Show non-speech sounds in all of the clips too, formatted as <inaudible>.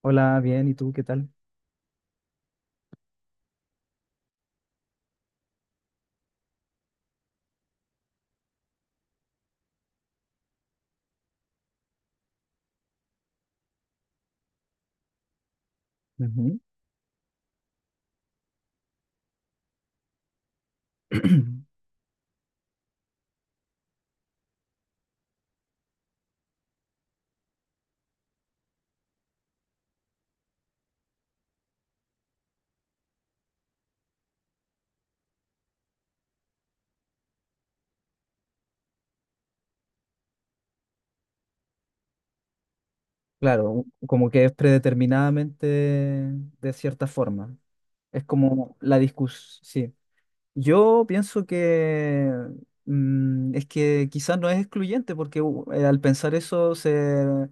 Hola, bien, ¿y tú qué tal? Ujú. <clears throat> Claro, como que es predeterminadamente de cierta forma. Es como la discusión, sí. Yo pienso que es que quizás no es excluyente porque al pensar eso se,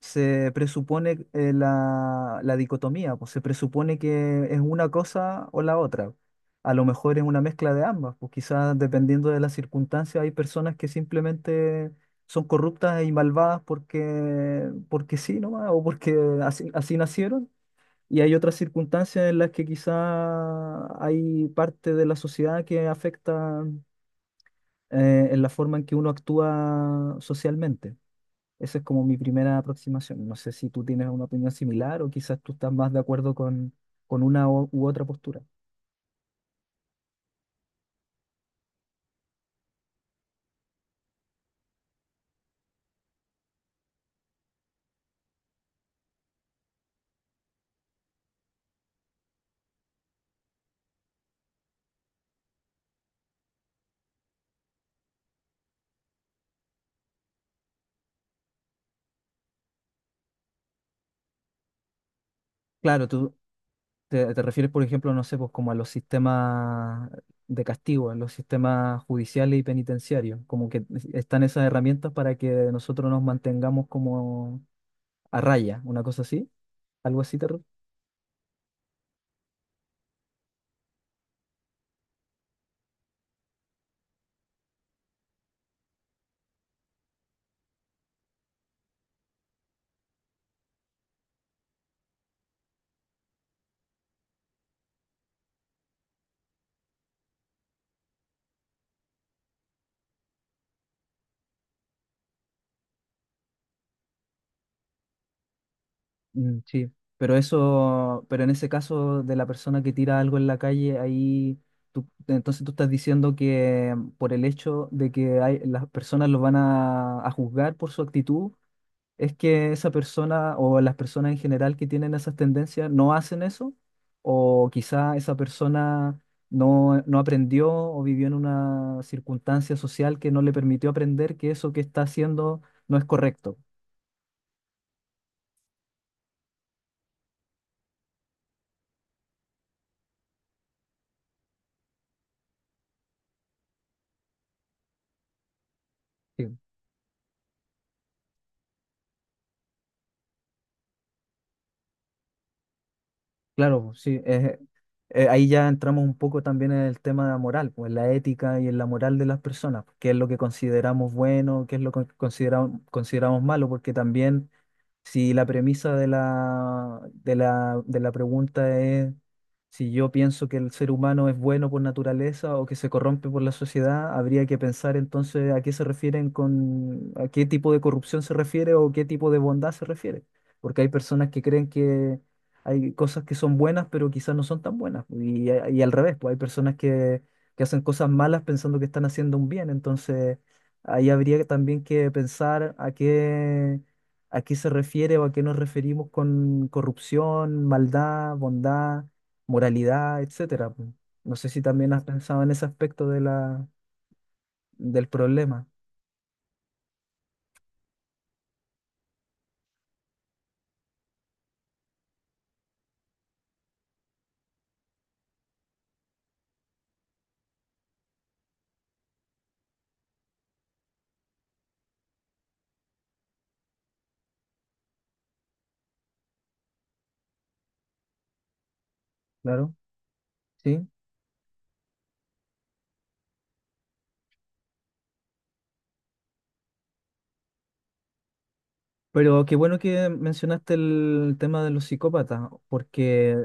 se presupone la dicotomía, pues se presupone que es una cosa o la otra. A lo mejor es una mezcla de ambas, pues quizás dependiendo de las circunstancias hay personas que simplemente son corruptas y malvadas porque sí nomás o porque así, así nacieron y hay otras circunstancias en las que quizá hay parte de la sociedad que afecta en la forma en que uno actúa socialmente. Esa es como mi primera aproximación. No sé si tú tienes una opinión similar o quizás tú estás más de acuerdo con una u otra postura. Claro, tú te refieres, por ejemplo, no sé, pues como a los sistemas de castigo, a los sistemas judiciales y penitenciarios, como que están esas herramientas para que nosotros nos mantengamos como a raya, una cosa así. Algo así, terror. Mm, sí, pero eso, pero en ese caso de la persona que tira algo en la calle, ahí tú, entonces tú estás diciendo que por el hecho de que hay, las personas los van a juzgar por su actitud, es que esa persona o las personas en general que tienen esas tendencias no hacen eso, o quizá esa persona no aprendió o vivió en una circunstancia social que no le permitió aprender que eso que está haciendo no es correcto. Sí. Claro, sí, ahí ya entramos un poco también en el tema de la moral, pues en la ética y en la moral de las personas, pues, qué es lo que consideramos bueno, qué es lo que consideramos malo, porque también si la premisa de la pregunta es si yo pienso que el ser humano es bueno por naturaleza o que se corrompe por la sociedad, habría que pensar entonces a qué se refieren con, a qué tipo de corrupción se refiere o qué tipo de bondad se refiere. Porque hay personas que creen que hay cosas que son buenas, pero quizás no son tan buenas. Y al revés, pues hay personas que hacen cosas malas pensando que están haciendo un bien. Entonces, ahí habría también que pensar a qué se refiere o a qué nos referimos con corrupción, maldad, bondad, moralidad, etcétera. Po. No sé si también has pensado en ese aspecto de la, del problema, claro, ¿sí? Pero qué bueno que mencionaste el tema de los psicópatas, porque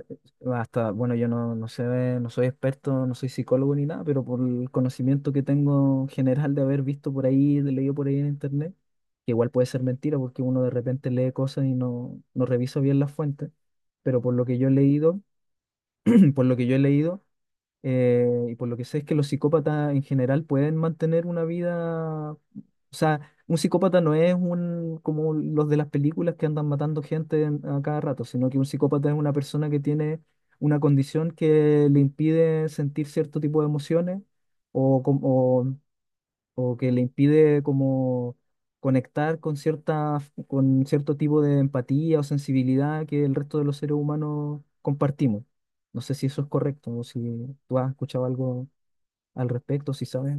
hasta, bueno, yo no sé, no soy experto, no soy psicólogo ni nada, pero por el conocimiento que tengo general de haber visto por ahí, de leído por ahí en internet, que igual puede ser mentira porque uno de repente lee cosas y no revisa bien las fuentes, pero por lo que yo he leído, <clears throat> por lo que yo he leído, y por lo que sé es que los psicópatas en general pueden mantener una vida, o sea, un psicópata no es un como los de las películas que andan matando gente a cada rato, sino que un psicópata es una persona que tiene una condición que le impide sentir cierto tipo de emociones o que le impide como conectar con cierta, con cierto tipo de empatía o sensibilidad que el resto de los seres humanos compartimos. No sé si eso es correcto o si tú has escuchado algo al respecto, si sabes.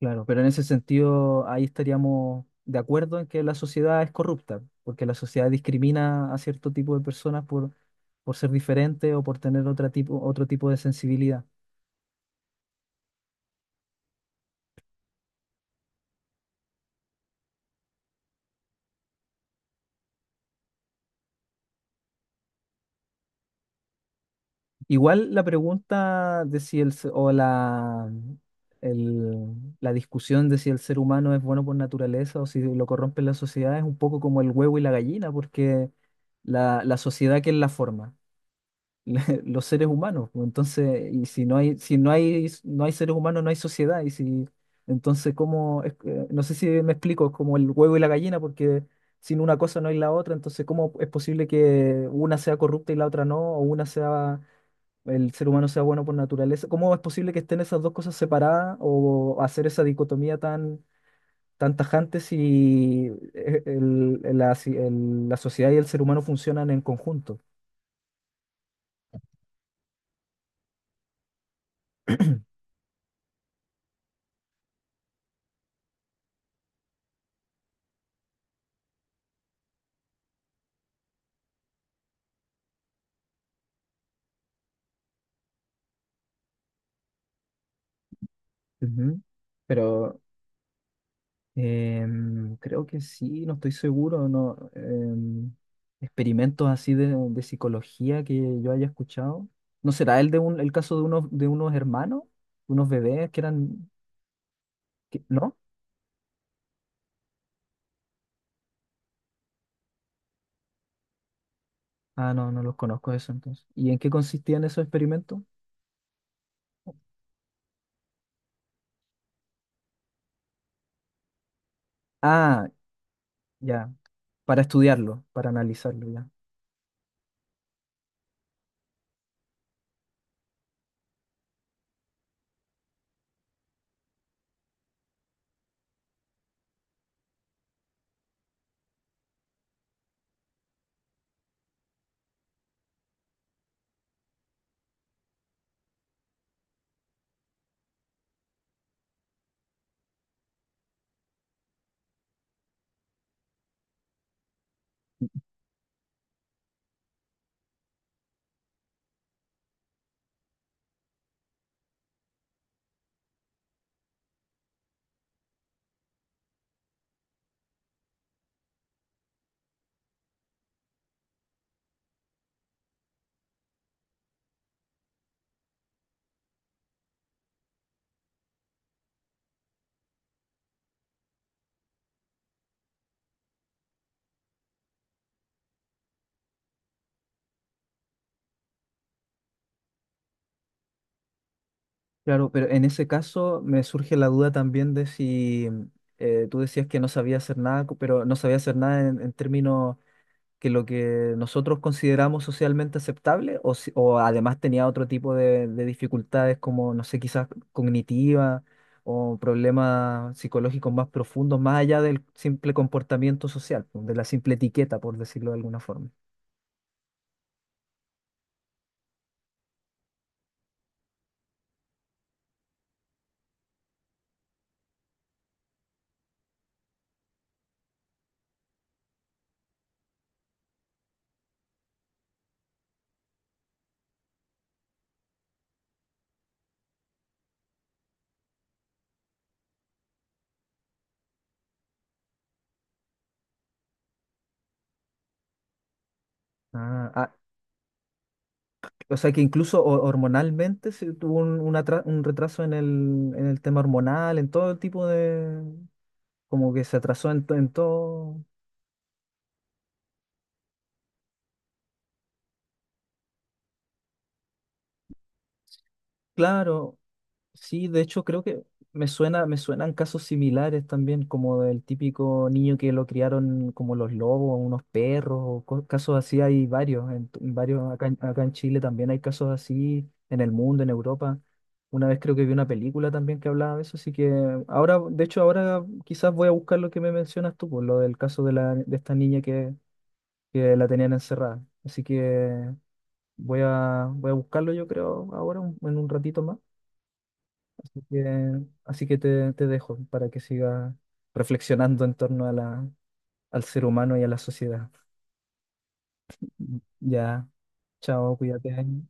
Claro, pero en ese sentido ahí estaríamos de acuerdo en que la sociedad es corrupta, porque la sociedad discrimina a cierto tipo de personas por ser diferente o por tener otra tipo, otro tipo de sensibilidad. Igual la pregunta de si el, se- o la, el- la discusión de si el ser humano es bueno por naturaleza o si lo corrompe la sociedad es un poco como el huevo y la gallina, porque la sociedad que es la forma. <laughs> los seres humanos. Pues, Entonces, y si no hay, no hay seres humanos, no hay sociedad. Y si, entonces, ¿cómo? No sé si me explico, es como el huevo y la gallina, porque sin una cosa no hay la otra. Entonces, ¿cómo es posible que una sea corrupta y la otra no? O una sea, el ser humano sea bueno por naturaleza. ¿Cómo es posible que estén esas dos cosas separadas o hacer esa dicotomía tan, tan tajante si si la sociedad y el ser humano funcionan en conjunto? Ujú. Pero creo que sí, no estoy seguro, no. Experimentos así de psicología que yo haya escuchado. ¿No será el de un, el caso de unos hermanos, unos bebés que eran, ¿no? Ah, no, no los conozco eso entonces. ¿Y en qué consistían esos experimentos? Ah, ya, para estudiarlo, para analizarlo ya. Claro, pero en ese caso me surge la duda también de si tú decías que no sabía hacer nada, pero no sabía hacer nada en términos que lo que nosotros consideramos socialmente aceptable o, o además tenía otro tipo de dificultades como, no sé, quizás cognitivas o problemas psicológicos más profundos, más allá del simple comportamiento social, pues, de la simple etiqueta, por decirlo de alguna forma. Ah, ah, o sea que incluso hormonalmente se tuvo un, un retraso en el tema hormonal, en todo el tipo de, como que se atrasó en, en todo. Claro, sí, de hecho creo que me suenan casos similares también, como del típico niño que lo criaron como los lobos, unos perros, o casos así hay varios, en varios acá, en acá en Chile también hay casos así, en el mundo, en Europa. Una vez creo que vi una película también que hablaba de eso, así que ahora, de hecho ahora quizás voy a buscar lo que me mencionas tú, por lo del caso de la, de esta niña que la tenían encerrada. Así que voy a buscarlo yo creo ahora, en un ratito más. Así que, te dejo para que sigas reflexionando en torno a la, al ser humano y a la sociedad. Ya, chao, cuídate.